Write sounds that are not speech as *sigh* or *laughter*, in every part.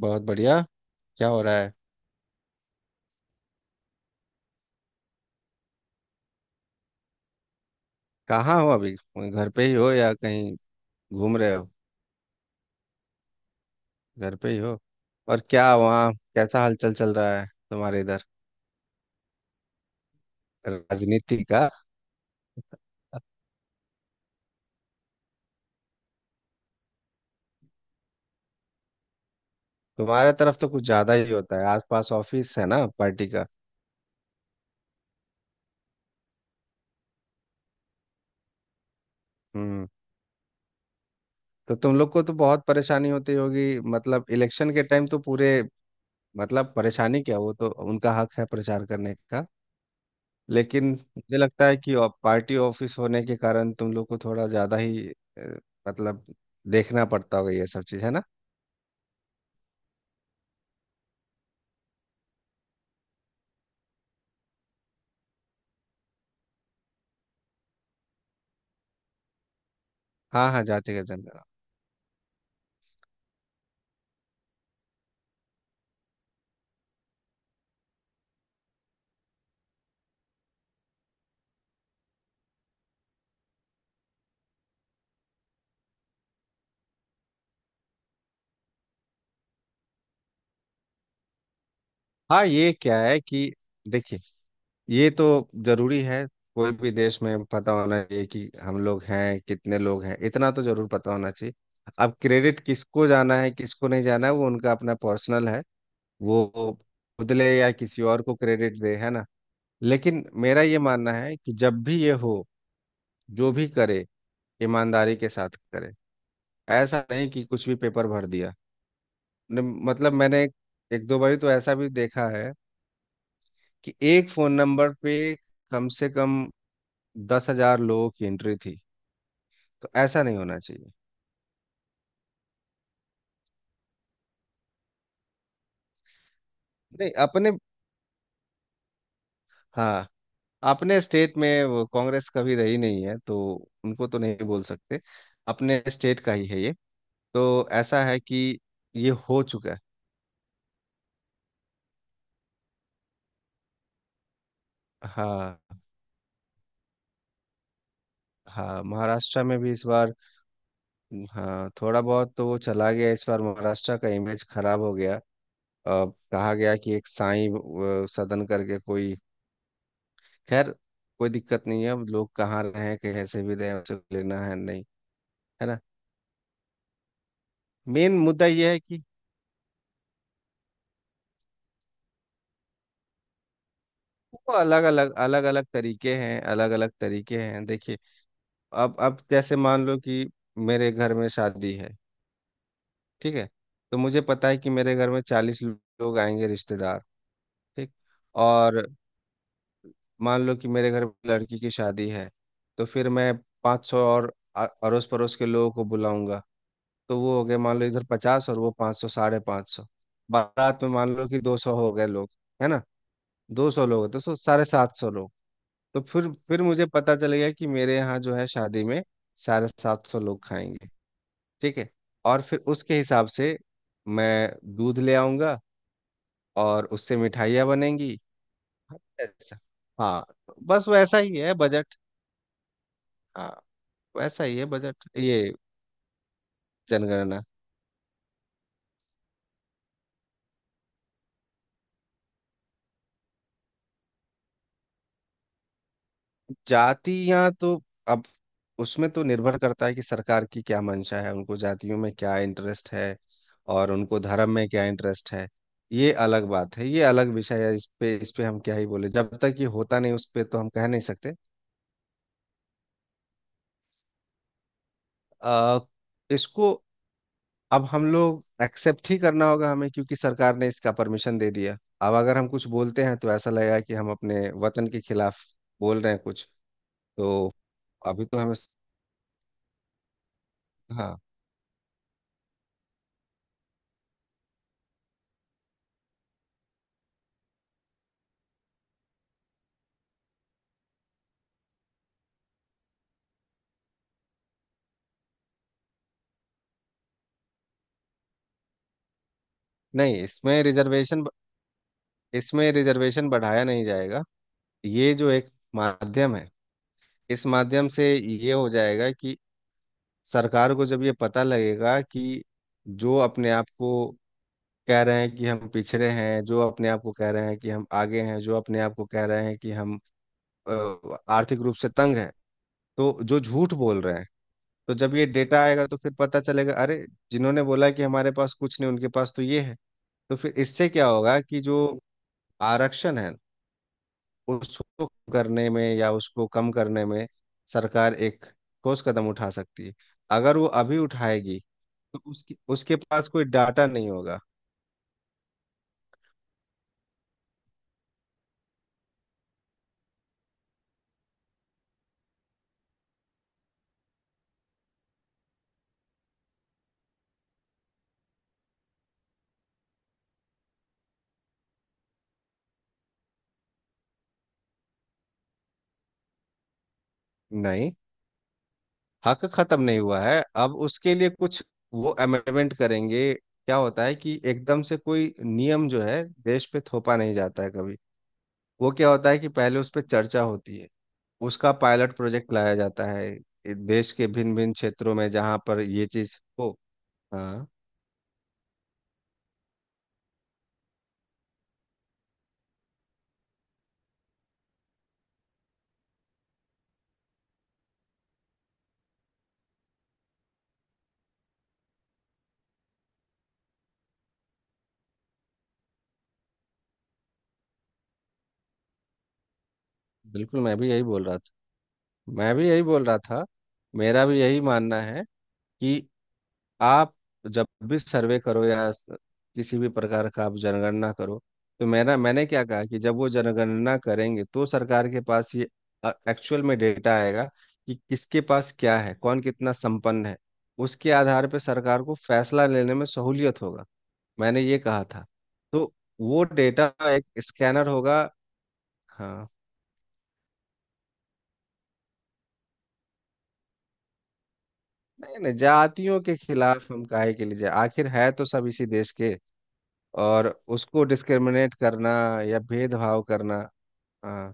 बहुत बढ़िया। क्या हो रहा है? कहाँ हो अभी? घर पे ही हो या कहीं घूम रहे हो? घर पे ही हो। और क्या वहाँ कैसा हलचल चल रहा है तुम्हारे इधर? राजनीति का। तुम्हारे तरफ तो कुछ ज्यादा ही होता है, आसपास ऑफिस है ना पार्टी का। हम्म। तो तुम लोग को तो बहुत परेशानी होती होगी, मतलब इलेक्शन के टाइम तो पूरे। मतलब परेशानी क्या, वो तो उनका हक है प्रचार करने का। लेकिन मुझे लगता है कि आप पार्टी ऑफिस होने के कारण तुम लोग को थोड़ा ज़्यादा ही मतलब देखना पड़ता होगा, ये सब चीज़ है ना। हाँ हाँ, जाति का जनगणना। हाँ ये क्या है कि देखिए, ये तो जरूरी है। कोई भी देश में पता होना चाहिए कि हम लोग हैं कितने, लोग हैं इतना तो जरूर पता होना चाहिए। अब क्रेडिट किसको जाना है किसको नहीं जाना है वो उनका अपना पर्सनल है। वो खुद ले या किसी और को क्रेडिट दे, है ना। लेकिन मेरा ये मानना है कि जब भी ये हो, जो भी करे ईमानदारी के साथ करें। ऐसा नहीं कि कुछ भी पेपर भर दिया। मतलब मैंने एक दो बारी तो ऐसा भी देखा है कि एक फोन नंबर पे कम से कम 10,000 लोगों की एंट्री थी। तो ऐसा नहीं होना चाहिए। नहीं अपने, हाँ, अपने स्टेट में वो कांग्रेस कभी रही नहीं है, तो उनको तो नहीं बोल सकते। अपने स्टेट का ही है ये। तो ऐसा है कि ये हो चुका है। हाँ हाँ, महाराष्ट्र में भी इस बार। हाँ थोड़ा बहुत तो वो चला गया, इस बार महाराष्ट्र का इमेज खराब हो गया। अब कहा गया कि एक साईं सदन करके कोई, खैर कोई दिक्कत नहीं है। अब लोग कहाँ रहें कैसे भी रहें उसे लेना है नहीं, है ना। मेन मुद्दा यह है कि वो अलग अलग तरीके हैं, देखिए। अब जैसे मान लो कि मेरे घर में शादी है, ठीक है। तो मुझे पता है कि मेरे घर में 40 लोग आएंगे रिश्तेदार, ठीक। और मान लो कि मेरे घर में लड़की की शादी है। तो फिर मैं 500 और अड़ोस पड़ोस के लोगों को बुलाऊंगा। तो वो हो गए मान लो इधर 50, और वो 500, 550। बारात में मान लो कि 200 हो गए लोग, है ना। 200 लोग, तो सो 750 लोग। तो फिर मुझे पता चल गया कि मेरे यहाँ जो है शादी में 750 लोग खाएंगे, ठीक है। और फिर उसके हिसाब से मैं दूध ले आऊंगा और उससे मिठाइयाँ बनेंगी। अच्छा, हाँ बस वैसा ही है बजट। हाँ वैसा ही है बजट, ये जनगणना। जातियां तो अब उसमें तो निर्भर करता है कि सरकार की क्या मंशा है, उनको जातियों में क्या इंटरेस्ट है और उनको धर्म में क्या इंटरेस्ट है। ये अलग बात है, ये अलग विषय है। इस पे हम क्या ही बोले, जब तक ये होता नहीं उस पे तो हम कह नहीं सकते। आ, इसको अब हम लोग एक्सेप्ट ही करना होगा हमें, क्योंकि सरकार ने इसका परमिशन दे दिया। अब अगर हम कुछ बोलते हैं तो ऐसा लगेगा कि हम अपने वतन के खिलाफ बोल रहे हैं कुछ। तो अभी तो हमें, हाँ। नहीं, इसमें रिजर्वेशन बढ़ाया नहीं जाएगा। ये जो एक माध्यम है, इस माध्यम से ये हो जाएगा कि सरकार को जब ये पता लगेगा कि जो अपने आप को कह रहे हैं कि हम पिछड़े हैं, जो अपने आप को कह रहे हैं कि हम आगे हैं, जो अपने आप को कह रहे हैं कि हम आर्थिक रूप से तंग हैं, तो जो झूठ बोल रहे हैं, तो जब ये डेटा आएगा तो फिर पता चलेगा, अरे जिन्होंने बोला कि हमारे पास कुछ नहीं, उनके पास तो ये है। तो फिर इससे क्या होगा कि जो आरक्षण है उसको करने में या उसको कम करने में सरकार एक ठोस कदम उठा सकती है। अगर वो अभी उठाएगी तो उसके उसके पास कोई डाटा नहीं होगा। नहीं, हक खत्म नहीं हुआ है। अब उसके लिए कुछ वो अमेंडमेंट करेंगे। क्या होता है कि एकदम से कोई नियम जो है देश पे थोपा नहीं जाता है कभी। वो क्या होता है कि पहले उस पर चर्चा होती है, उसका पायलट प्रोजेक्ट लाया जाता है, देश के भिन्न भिन्न क्षेत्रों में जहाँ पर ये चीज़ हो। हाँ, बिल्कुल मैं भी यही बोल रहा था, मेरा भी यही मानना है कि आप जब भी सर्वे करो या किसी भी प्रकार का आप जनगणना करो, तो मेरा मैंने क्या कहा कि जब वो जनगणना करेंगे तो सरकार के पास ये एक्चुअल में डेटा आएगा कि किसके पास क्या है, कौन कितना संपन्न है। उसके आधार पर सरकार को फैसला लेने में सहूलियत होगा। मैंने ये कहा था। तो वो डेटा एक स्कैनर होगा, हाँ। नहीं नहीं, जातियों के खिलाफ हम काहे के लिए जाए, आखिर है तो सब इसी देश के। और उसको डिस्क्रिमिनेट करना या भेदभाव करना, हाँ।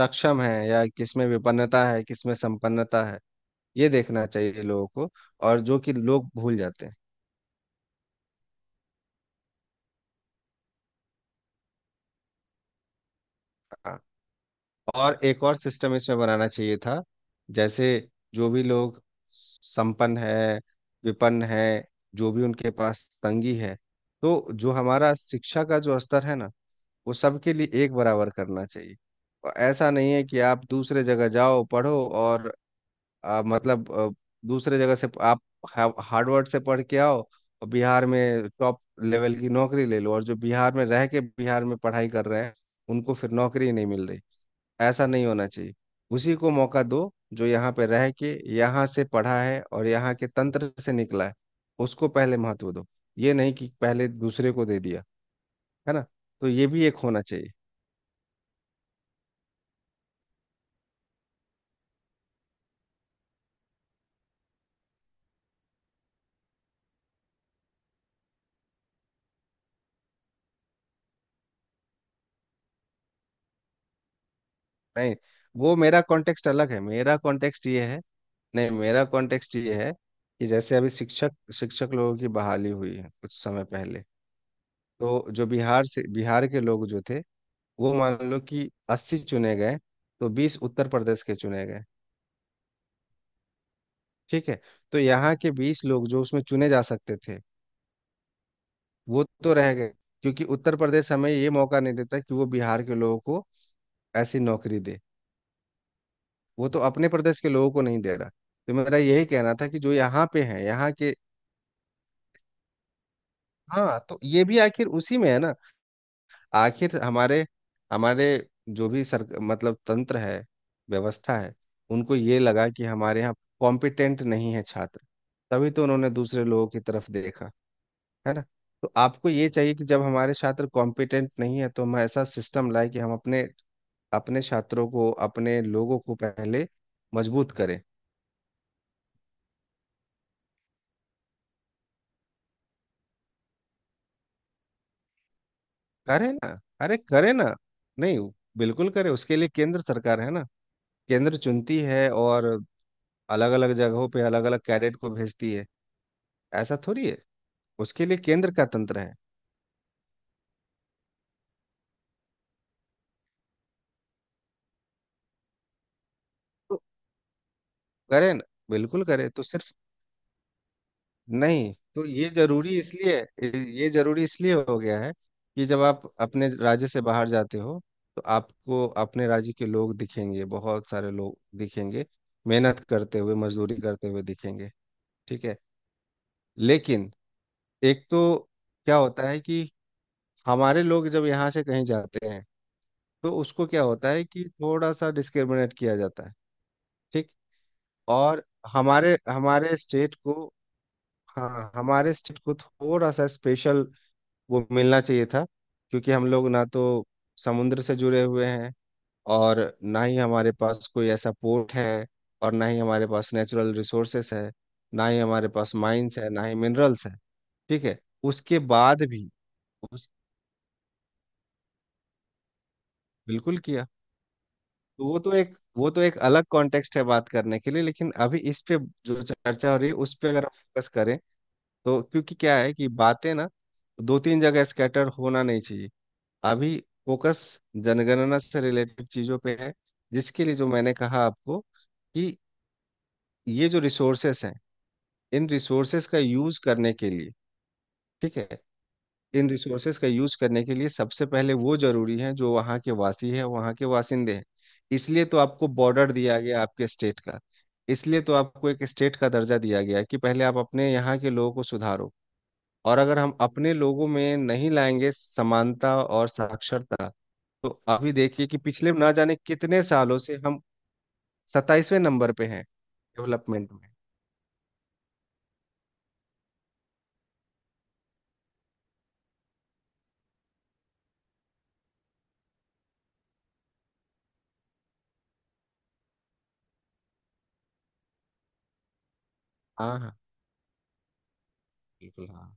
सक्षम है या किसमें विपन्नता है किसमें संपन्नता है, ये देखना चाहिए लोगों को। और जो कि लोग भूल जाते हैं, हाँ। और एक और सिस्टम इसमें बनाना चाहिए था। जैसे जो भी लोग संपन्न है, विपन्न है, जो भी उनके पास तंगी है, तो जो हमारा शिक्षा का जो स्तर है ना, वो सबके लिए एक बराबर करना चाहिए। और ऐसा नहीं है कि आप दूसरे जगह जाओ पढ़ो और आ, मतलब आ, दूसरे जगह से आप हार्वर्ड से पढ़ के आओ और बिहार में टॉप लेवल की नौकरी ले लो, और जो बिहार में रह के बिहार में पढ़ाई कर रहे हैं उनको फिर नौकरी नहीं मिल रही। ऐसा नहीं होना चाहिए। उसी को मौका दो जो यहाँ पे रह के यहाँ से पढ़ा है और यहाँ के तंत्र से निकला है, उसको पहले महत्व दो। ये नहीं कि पहले दूसरे को दे दिया, है ना। तो ये भी एक होना चाहिए। नहीं, वो मेरा कॉन्टेक्स्ट अलग है। मेरा कॉन्टेक्स्ट ये है। नहीं, मेरा कॉन्टेक्स्ट ये है कि जैसे अभी शिक्षक शिक्षक लोगों की बहाली हुई है कुछ समय पहले। तो जो बिहार से बिहार के लोग जो थे, वो मान लो कि 80 चुने गए, तो 20 उत्तर प्रदेश के चुने गए, ठीक है। तो यहाँ के 20 लोग जो उसमें चुने जा सकते थे, वो तो रह गए, क्योंकि उत्तर प्रदेश हमें ये मौका नहीं देता कि वो बिहार के लोगों को ऐसी नौकरी दे। वो तो अपने प्रदेश के लोगों को नहीं दे रहा। तो मेरा यही कहना था कि जो यहाँ पे हैं यहाँ के, हाँ, तो ये भी आखिर उसी में है ना। आखिर हमारे हमारे जो भी सर मतलब तंत्र है व्यवस्था है, उनको ये लगा कि हमारे यहाँ कॉम्पिटेंट नहीं है छात्र, तभी तो उन्होंने दूसरे लोगों की तरफ देखा, है ना। तो आपको ये चाहिए कि जब हमारे छात्र कॉम्पिटेंट नहीं है तो हम ऐसा सिस्टम लाए कि हम अपने अपने छात्रों को, अपने लोगों को पहले मजबूत करें। करें ना, अरे करें ना। नहीं, बिल्कुल करें। उसके लिए केंद्र सरकार है ना, केंद्र चुनती है और अलग अलग जगहों पे अलग अलग कैडेट को भेजती है, ऐसा थोड़ी है। उसके लिए केंद्र का तंत्र है। तो करें बिल्कुल करें। तो सिर्फ नहीं, तो ये जरूरी इसलिए हो गया है कि जब आप अपने राज्य से बाहर जाते हो तो आपको अपने राज्य के लोग दिखेंगे, बहुत सारे लोग दिखेंगे मेहनत करते हुए मजदूरी करते हुए दिखेंगे, ठीक है। लेकिन एक तो क्या होता है कि हमारे लोग जब यहाँ से कहीं जाते हैं तो उसको क्या होता है कि थोड़ा सा डिस्क्रिमिनेट किया जाता है। ठीक। और हमारे हमारे स्टेट को, हाँ हमारे स्टेट को थोड़ा सा स्पेशल वो मिलना चाहिए था। क्योंकि हम लोग ना तो समुद्र से जुड़े हुए हैं, और ना ही हमारे पास कोई ऐसा पोर्ट है, और ना ही हमारे पास नेचुरल रिसोर्सेस है, ना ही हमारे पास माइंस है ना ही मिनरल्स है, ठीक है। उसके बाद भी उस बिल्कुल किया। तो वो तो एक अलग कॉन्टेक्स्ट है बात करने के लिए, लेकिन अभी इस पे जो चर्चा हो रही है उस पे अगर हम फोकस करें, तो क्योंकि क्या है कि बातें ना दो तीन जगह स्कैटर होना नहीं चाहिए। अभी फोकस जनगणना से रिलेटेड चीज़ों पे है, जिसके लिए जो मैंने कहा आपको कि ये जो रिसोर्सेस हैं, इन रिसोर्सेस का यूज़ करने के लिए, ठीक है। इन रिसोर्सेस का यूज़ करने के लिए सबसे पहले वो ज़रूरी हैं जो वहाँ के वासी है, वहाँ के वासिंदे हैं। इसलिए तो आपको बॉर्डर दिया गया आपके स्टेट का। इसलिए तो आपको एक स्टेट का दर्जा दिया गया है कि पहले आप अपने यहाँ के लोगों को सुधारो। और अगर हम अपने लोगों में नहीं लाएंगे समानता और साक्षरता, तो अभी देखिए कि पिछले ना जाने कितने सालों से हम 27वें नंबर पे हैं डेवलपमेंट में। हाँ हाँ, बिल्कुल। हाँ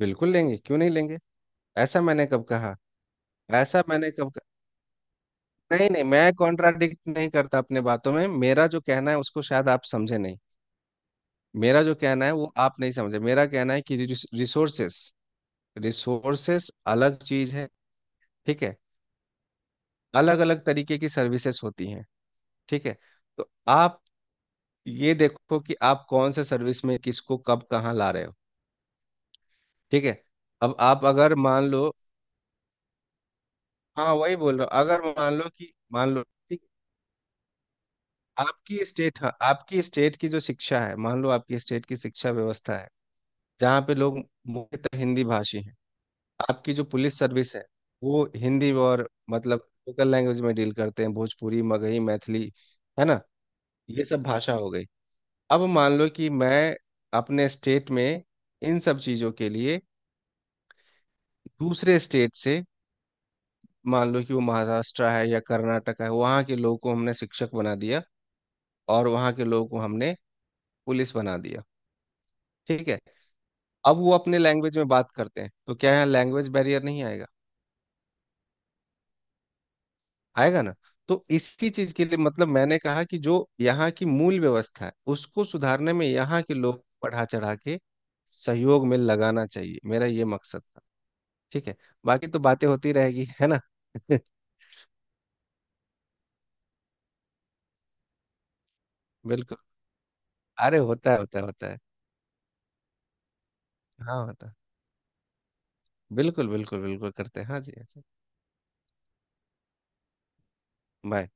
बिल्कुल लेंगे, क्यों नहीं लेंगे? ऐसा मैंने कब कहा? ऐसा मैंने कब कहा? नहीं नहीं, मैं कॉन्ट्राडिक्ट नहीं करता अपने बातों में। मेरा जो कहना है उसको शायद आप समझे नहीं। मेरा जो कहना है वो आप नहीं समझे। मेरा कहना है कि रिसोर्सेस रिसोर्सेस अलग चीज है, ठीक है। अलग अलग तरीके की सर्विसेज होती हैं, ठीक है। तो आप ये देखो कि आप कौन से सर्विस में किसको कब कहाँ ला रहे हो। ठीक है, अब आप अगर मान लो, हाँ वही बोल रहा हूँ। अगर मान लो कि, मान लो, ठीक, आपकी स्टेट, हाँ आपकी स्टेट की जो शिक्षा है, मान लो आपकी स्टेट की शिक्षा व्यवस्था है जहाँ पे लोग मुख्यतः हिंदी भाषी हैं। आपकी जो पुलिस सर्विस है, वो हिंदी और मतलब लोकल लैंग्वेज में डील करते हैं, भोजपुरी मगही मैथिली, है ना, ये सब भाषा हो गई। अब मान लो कि मैं अपने स्टेट में इन सब चीज़ों के लिए दूसरे स्टेट से, मान लो कि वो महाराष्ट्र है या कर्नाटक है, वहाँ के लोगों को हमने शिक्षक बना दिया और वहाँ के लोगों को हमने पुलिस बना दिया, ठीक है। अब वो अपने लैंग्वेज में बात करते हैं तो क्या यहाँ लैंग्वेज बैरियर नहीं आएगा? आएगा ना। तो इसी चीज़ के लिए मतलब मैंने कहा कि जो यहाँ की मूल व्यवस्था है उसको सुधारने में यहाँ के लोग बढ़ा चढ़ा के सहयोग में लगाना चाहिए, मेरा ये मकसद था। ठीक है, बाकी तो बातें होती रहेगी, है ना। *laughs* बिल्कुल। अरे होता है, होता है, होता है। हाँ होता है, बिल्कुल बिल्कुल बिल्कुल करते हैं, हाँ जी हाँ जी। बाय।